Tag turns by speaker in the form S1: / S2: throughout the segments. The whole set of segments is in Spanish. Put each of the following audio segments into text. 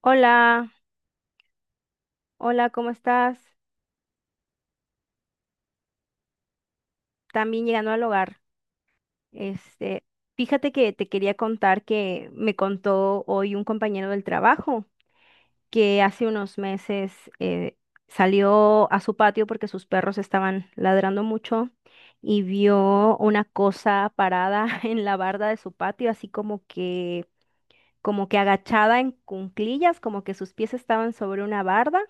S1: Hola, hola, ¿cómo estás? También llegando al hogar. Este, Fíjate que te quería contar que me contó hoy un compañero del trabajo que hace unos meses eh, salió a su patio porque sus perros estaban ladrando mucho y vio una cosa parada en la barda de su patio, así como que agachada en cunclillas, como que sus pies estaban sobre una barda,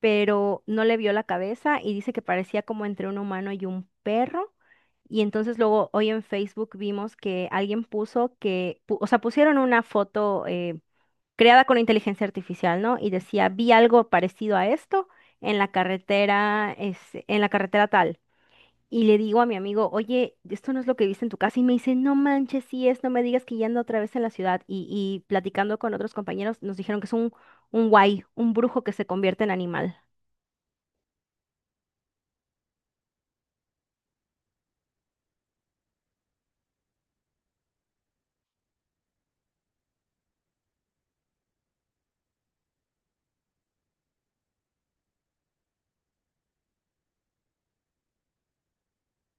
S1: pero no le vio la cabeza y dice que parecía como entre un humano y un perro. Y entonces luego hoy en Facebook vimos que alguien puso que, o sea, pusieron una foto creada con inteligencia artificial, ¿no? Y decía, vi algo parecido a esto en la carretera, este, en la carretera tal. Y le digo a mi amigo, oye, esto no es lo que viste en tu casa. Y me dice, no manches, sí es, no me digas que ya ando otra vez en la ciudad. Y platicando con otros compañeros, nos dijeron que es un guay, un brujo que se convierte en animal.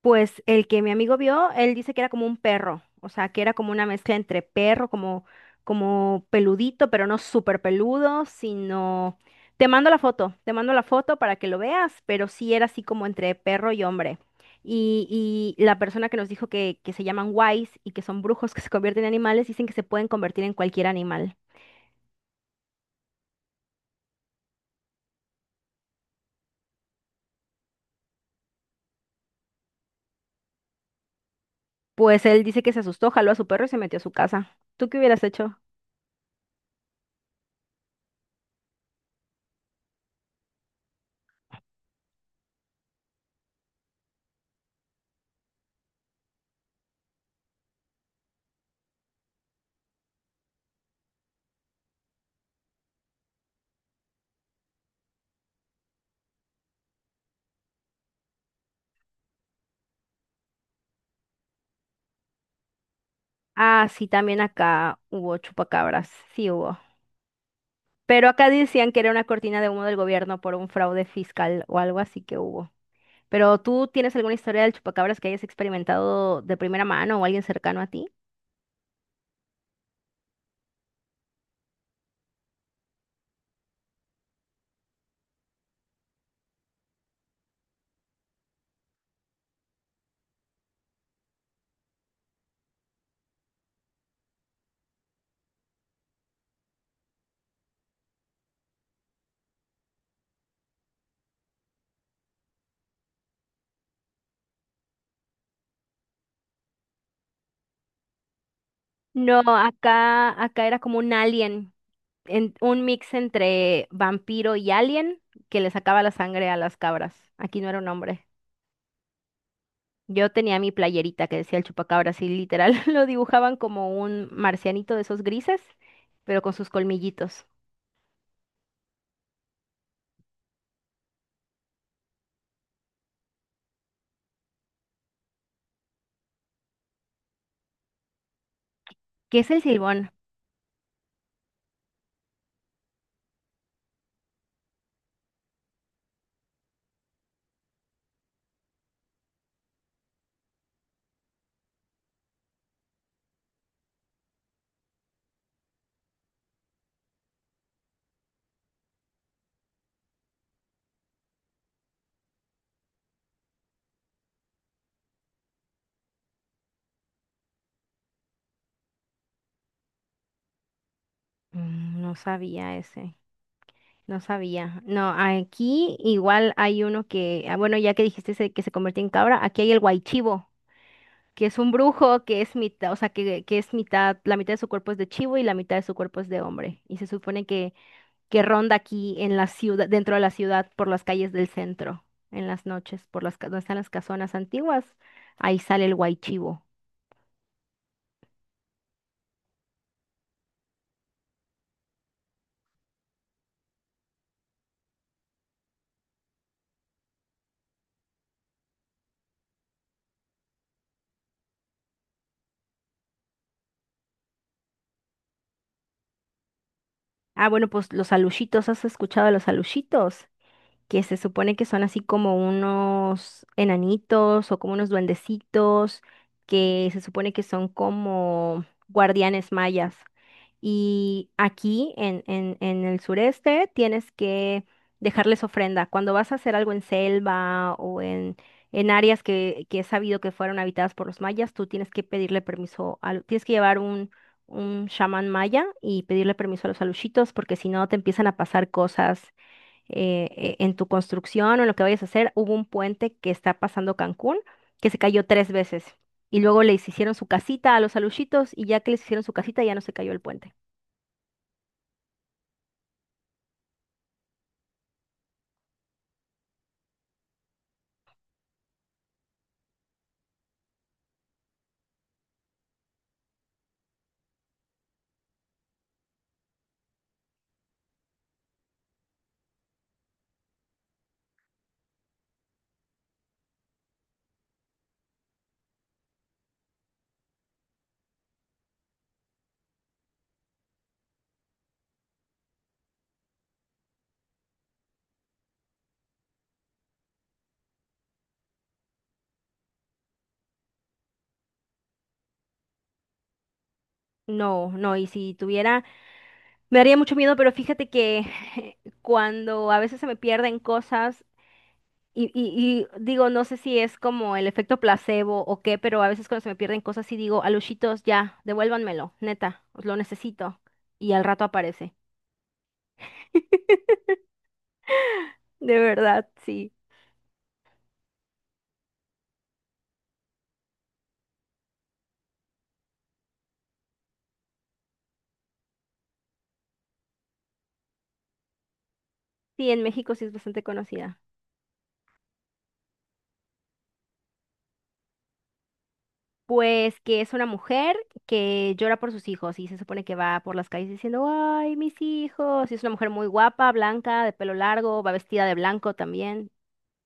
S1: Pues el que mi amigo vio, él dice que era como un perro, o sea, que era como una mezcla entre perro, como, como peludito, pero no súper peludo, sino… Te mando la foto, te mando la foto para que lo veas, pero sí era así como entre perro y hombre. Y la persona que nos dijo que se llaman wise y que son brujos que se convierten en animales, dicen que se pueden convertir en cualquier animal. Pues él dice que se asustó, jaló a su perro y se metió a su casa. ¿Tú qué hubieras hecho? Ah, sí, también acá hubo chupacabras, sí hubo. Pero acá decían que era una cortina de humo del gobierno por un fraude fiscal o algo así que hubo. Pero ¿tú tienes alguna historia del chupacabras que hayas experimentado de primera mano o alguien cercano a ti? No, acá era como un alien, un mix entre vampiro y alien que le sacaba la sangre a las cabras. Aquí no era un hombre. Yo tenía mi playerita que decía el chupacabras y literal lo dibujaban como un marcianito de esos grises, pero con sus colmillitos. ¿Qué es el silbón? No sabía ese. No sabía. No, aquí igual hay uno que, ah, bueno, ya que dijiste ese que se convirtió en cabra, aquí hay el guaychivo, que es un brujo, que es mitad, o sea, que es mitad, la mitad de su cuerpo es de chivo y la mitad de su cuerpo es de hombre. Y se supone que ronda aquí en la ciudad, dentro de la ciudad, por las calles del centro, en las noches, por las, donde están las casonas antiguas, ahí sale el guaychivo. Ah, bueno, pues los alushitos, ¿has escuchado de los alushitos? Que se supone que son así como unos enanitos o como unos duendecitos, que se supone que son como guardianes mayas. Y aquí en el sureste tienes que dejarles ofrenda. Cuando vas a hacer algo en selva en áreas que es sabido que fueron habitadas por los mayas, tú tienes que pedirle permiso, tienes que llevar un chamán maya y pedirle permiso a los alushitos porque si no te empiezan a pasar cosas en tu construcción o en lo que vayas a hacer. Hubo un puente que está pasando Cancún que se cayó 3 veces. Y luego les hicieron su casita a los aluchitos y ya que les hicieron su casita ya no se cayó el puente. No, no, y si tuviera, me daría mucho miedo, pero fíjate que cuando a veces se me pierden cosas y digo, no sé si es como el efecto placebo o qué, pero a veces cuando se me pierden cosas y digo, aluchitos, ya, devuélvanmelo, neta, lo necesito. Y al rato aparece. De verdad, sí. Sí, en México sí es bastante conocida. Pues que es una mujer que llora por sus hijos y se supone que va por las calles diciendo, ay, mis hijos. Y es una mujer muy guapa, blanca, de pelo largo, va vestida de blanco también.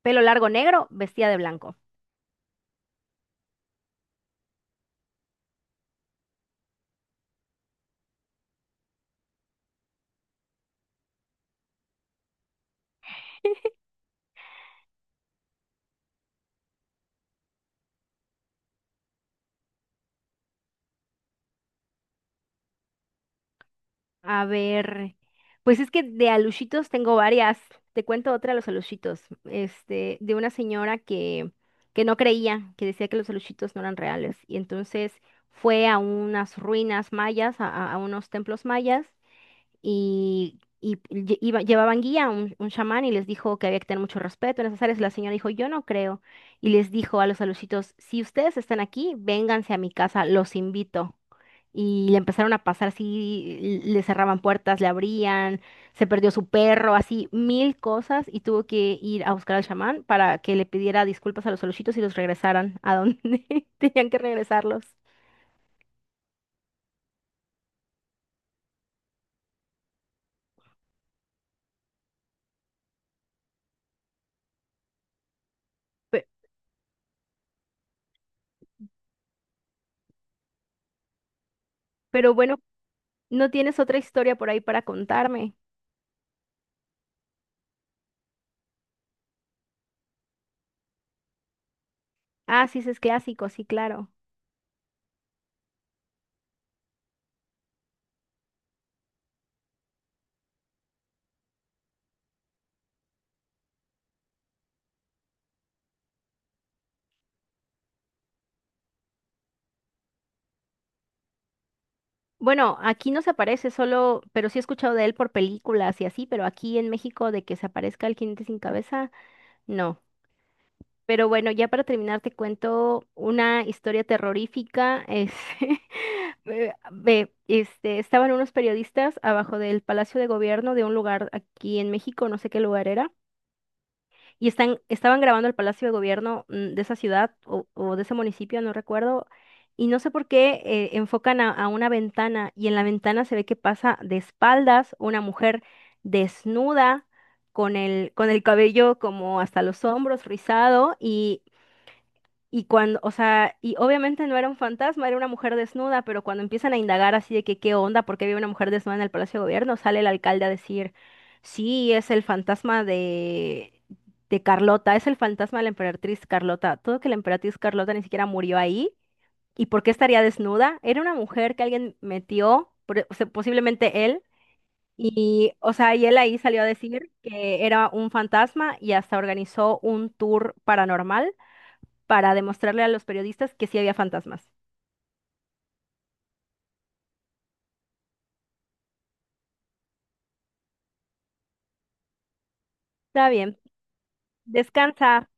S1: Pelo largo negro, vestida de blanco. A ver, pues es que de alushitos tengo varias. Te cuento otra de los alushitos. De una señora que no creía, que decía que los alushitos no eran reales. Y entonces fue a unas ruinas mayas, a unos templos mayas llevaban guía, un chamán, y les dijo que había que tener mucho respeto en esas áreas. La señora dijo, yo no creo. Y les dijo a los alucitos, si ustedes están aquí, vénganse a mi casa, los invito. Y le empezaron a pasar así, le cerraban puertas, le abrían, se perdió su perro, así mil cosas, y tuvo que ir a buscar al chamán para que le pidiera disculpas a los alucitos y los regresaran a donde tenían que regresarlos. Pe- Pero bueno, ¿no tienes otra historia por ahí para contarme? Ah, sí, ese es clásico, sí, claro. Bueno, aquí no se aparece solo, pero sí he escuchado de él por películas y así, pero aquí en México de que se aparezca el jinete sin cabeza, no. Pero bueno, ya para terminar te cuento una historia terrorífica. Es, este, estaban unos periodistas abajo del Palacio de Gobierno de un lugar aquí en México, no sé qué lugar era. Y estaban grabando el Palacio de Gobierno, de esa ciudad o de ese municipio, no recuerdo, y no sé por qué enfocan a una ventana y en la ventana se ve que pasa de espaldas una mujer desnuda con el cabello como hasta los hombros, rizado, y cuando, o sea, y obviamente no era un fantasma, era una mujer desnuda, pero cuando empiezan a indagar así de que qué onda, por qué había una mujer desnuda en el Palacio de Gobierno, sale el alcalde a decir, sí, es el fantasma de Carlota, es el fantasma de la emperatriz Carlota. Todo que la emperatriz Carlota ni siquiera murió ahí. ¿Y por qué estaría desnuda? Era una mujer que alguien metió, o sea, posiblemente él. Y, o sea, y él ahí salió a decir que era un fantasma y hasta organizó un tour paranormal para demostrarle a los periodistas que sí había fantasmas. Está bien, descansa.